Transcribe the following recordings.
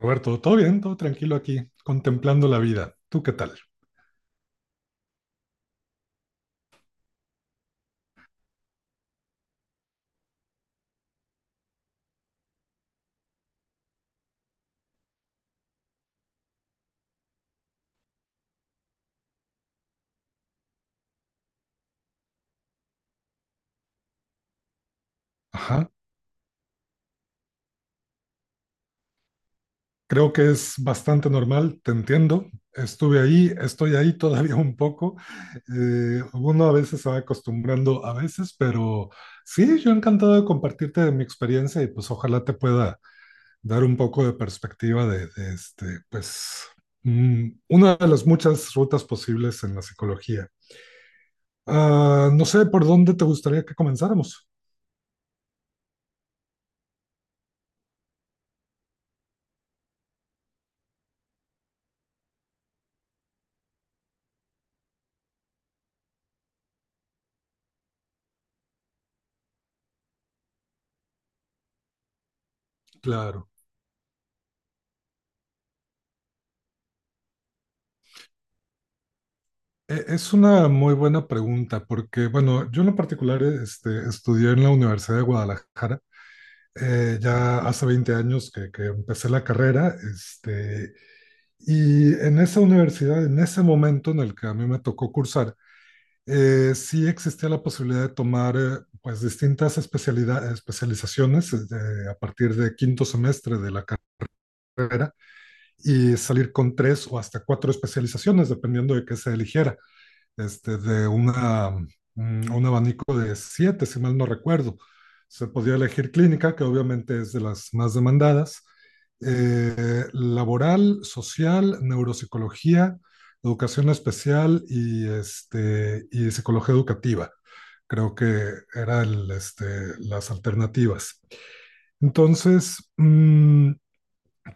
Roberto, todo bien, todo tranquilo aquí, contemplando la vida. ¿Tú qué tal? Ajá, creo que es bastante normal, te entiendo. Estuve ahí, estoy ahí todavía un poco. Uno a veces se va acostumbrando, a veces, pero sí, yo encantado de compartirte mi experiencia y pues ojalá te pueda dar un poco de perspectiva de una de las muchas rutas posibles en la psicología. No sé por dónde te gustaría que comenzáramos. Claro. Es una muy buena pregunta porque, bueno, yo en lo particular estudié en la Universidad de Guadalajara ya hace 20 años que empecé la carrera y en esa universidad, en ese momento en el que a mí me tocó cursar, sí existía la posibilidad de tomar pues distintas especialidades, especializaciones a partir de quinto semestre de la carrera y salir con tres o hasta cuatro especializaciones, dependiendo de qué se eligiera, de un abanico de siete, si mal no recuerdo. Se podía elegir clínica, que obviamente es de las más demandadas, laboral, social, neuropsicología, educación especial y psicología educativa. Creo que eran las alternativas. Entonces,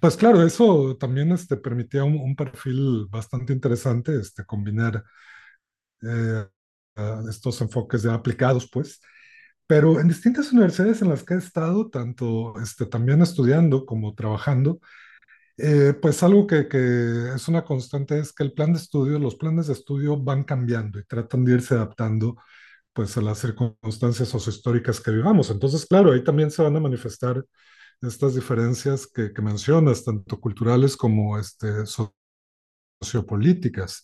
pues claro, eso también permitía un perfil bastante interesante, este, combinar eh, a estos enfoques ya aplicados, pues. Pero en distintas universidades en las que he estado, tanto también estudiando como trabajando, pues algo que es una constante es que el plan de estudio, los planes de estudio van cambiando y tratan de irse adaptando pues a las circunstancias sociohistóricas que vivamos. Entonces, claro, ahí también se van a manifestar estas diferencias que mencionas, tanto culturales como sociopolíticas.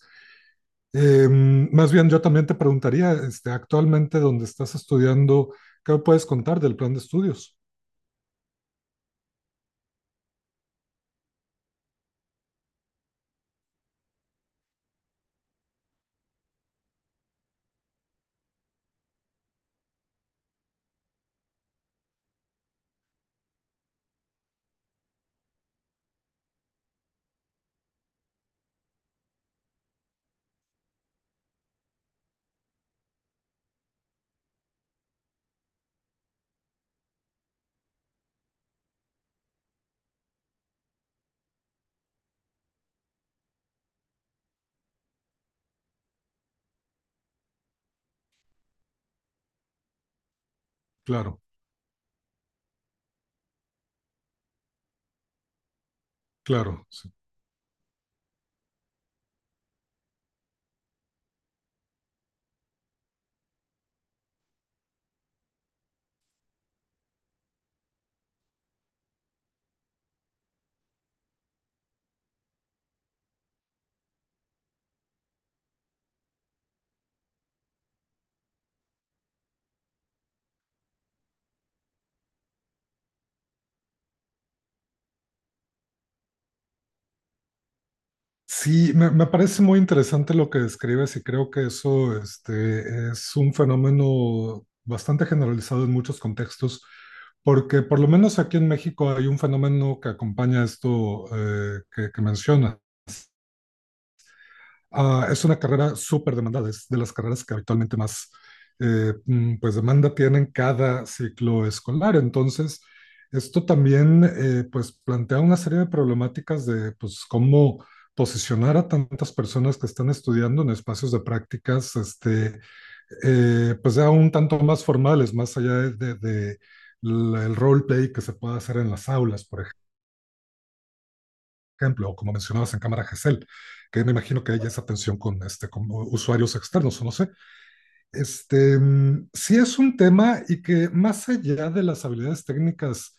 Más bien, yo también te preguntaría, este, actualmente donde estás estudiando, ¿qué puedes contar del plan de estudios? Claro, claro, sí. Sí, me parece muy interesante lo que describes y creo que eso este, es un fenómeno bastante generalizado en muchos contextos, porque por lo menos aquí en México hay un fenómeno que acompaña esto eh, que mencionas. Es una carrera súper demandada, es de las carreras que habitualmente más pues demanda tienen cada ciclo escolar. Entonces, esto también pues plantea una serie de problemáticas de pues cómo posicionar a tantas personas que están estudiando en espacios de prácticas, pues ya un tanto más formales, más allá de el role play que se puede hacer en las aulas, por ejemplo, o como mencionabas en Cámara Gesell, que me imagino que hay esa tensión con, este, con usuarios externos, o no sé. Sí es un tema y que más allá de las habilidades técnicas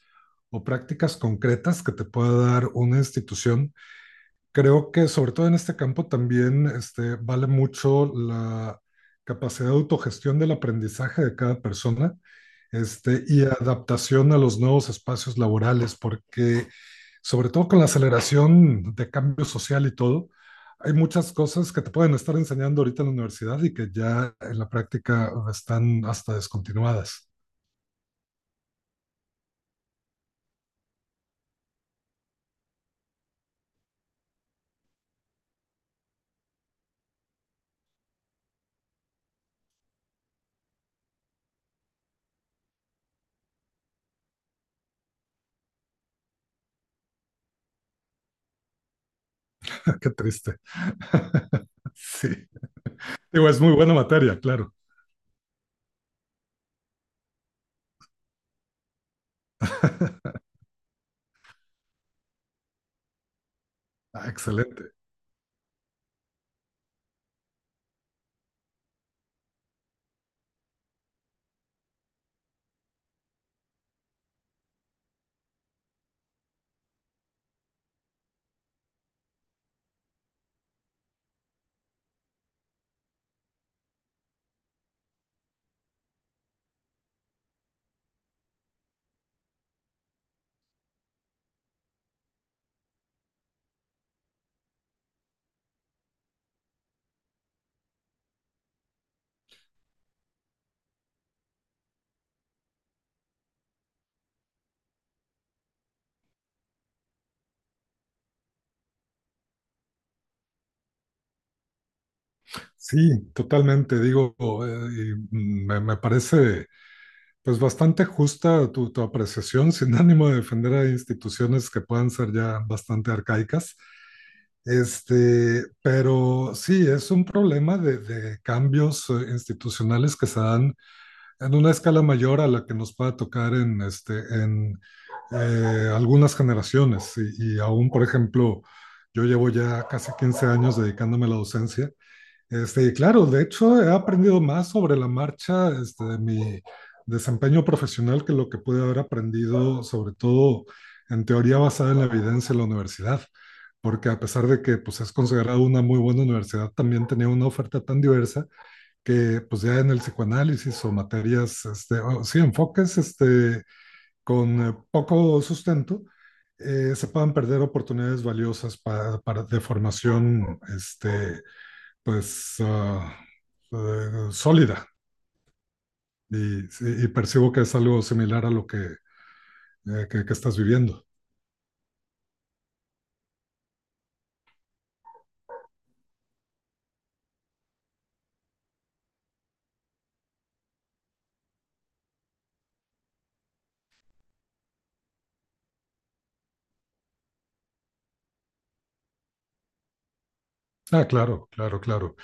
o prácticas concretas que te pueda dar una institución, creo que sobre todo en este campo también este, vale mucho la capacidad de autogestión del aprendizaje de cada persona. Este, y adaptación a los nuevos espacios laborales, porque sobre todo con la aceleración de cambio social y todo, hay muchas cosas que te pueden estar enseñando ahorita en la universidad y que ya en la práctica están hasta descontinuadas. Qué triste. Sí, digo, es muy buena materia, claro. Ah, excelente. Sí, totalmente. Digo, me parece pues bastante justa tu apreciación, sin ánimo de defender a instituciones que puedan ser ya bastante arcaicas. Este, pero sí, es un problema de cambios institucionales que se dan en una escala mayor a la que nos pueda tocar en, algunas generaciones. Y aún, por ejemplo, yo llevo ya casi 15 años dedicándome a la docencia y claro, de hecho he aprendido más sobre la marcha, este, de mi desempeño profesional que lo que pude haber aprendido, sobre todo en teoría basada en la evidencia en la universidad, porque a pesar de que pues, es considerada una muy buena universidad, también tenía una oferta tan diversa que pues ya en el psicoanálisis o materias, o, sí, enfoques con poco sustento, se puedan perder oportunidades valiosas de formación pues uh, sólida sí, y percibo que es algo similar a lo que que estás viviendo. Ah, claro, claro, claro.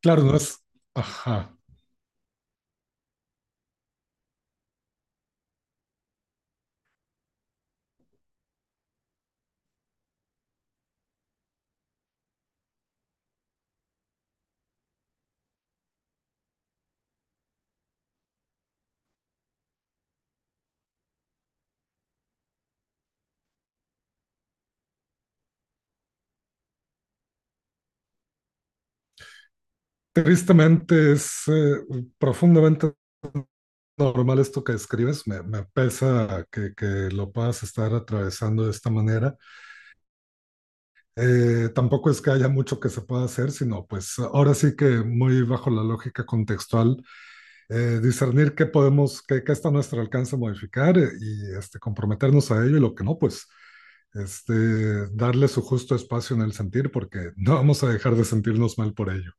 Claro, no es, ajá. Tristemente es profundamente normal esto que describes, me pesa que lo puedas estar atravesando de esta manera. Tampoco es que haya mucho que se pueda hacer, sino pues ahora sí que muy bajo la lógica contextual discernir qué podemos, qué está a nuestro alcance modificar y comprometernos a ello y lo que no, pues darle su justo espacio en el sentir, porque no vamos a dejar de sentirnos mal por ello.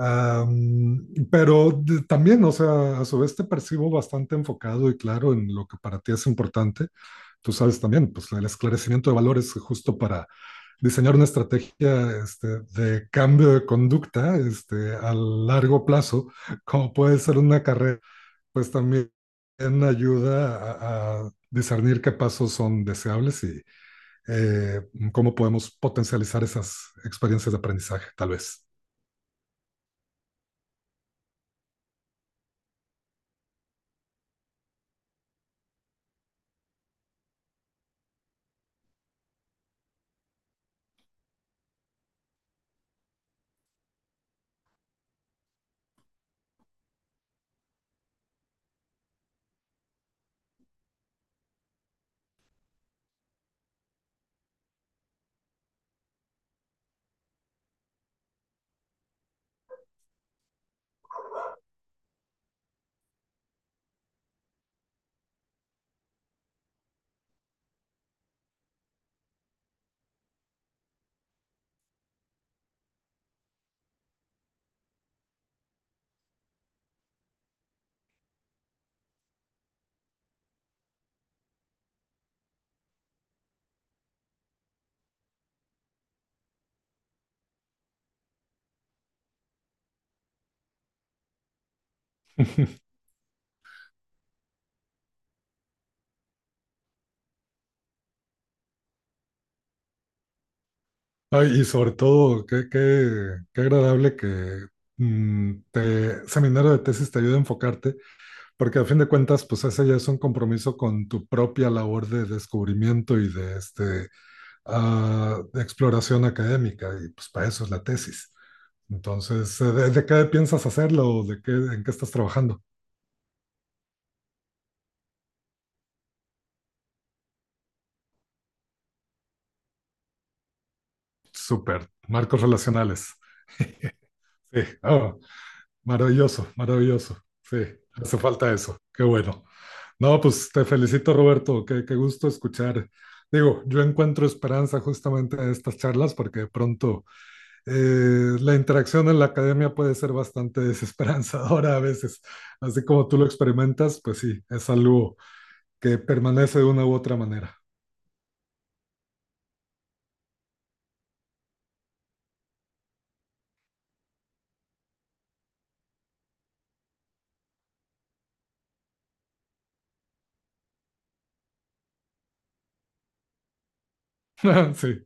Pero también, o sea, a su vez te percibo bastante enfocado y claro en lo que para ti es importante. Tú sabes también, pues el esclarecimiento de valores justo para diseñar una estrategia de cambio de conducta a largo plazo, como puede ser una carrera pues también ayuda a discernir qué pasos son deseables y eh, cómo podemos potencializar esas experiencias de aprendizaje, tal vez. Ay, y sobre todo, qué agradable que seminario de tesis te ayude a enfocarte, porque a fin de cuentas, pues ese ya es un compromiso con tu propia labor de descubrimiento y de exploración académica, y pues para eso es la tesis. Entonces, ¿ de qué piensas hacerlo? ¿De qué, en qué estás trabajando? Súper, marcos relacionales. Sí, oh, maravilloso, maravilloso. Sí, hace falta eso. Qué bueno. No, pues te felicito, Roberto. Qué gusto escuchar. Digo, yo encuentro esperanza justamente en estas charlas porque de pronto la interacción en la academia puede ser bastante desesperanzadora a veces. Así como tú lo experimentas, pues sí, es algo que permanece de una u otra manera. Sí.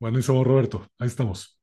Buenísimo, Roberto. Ahí estamos.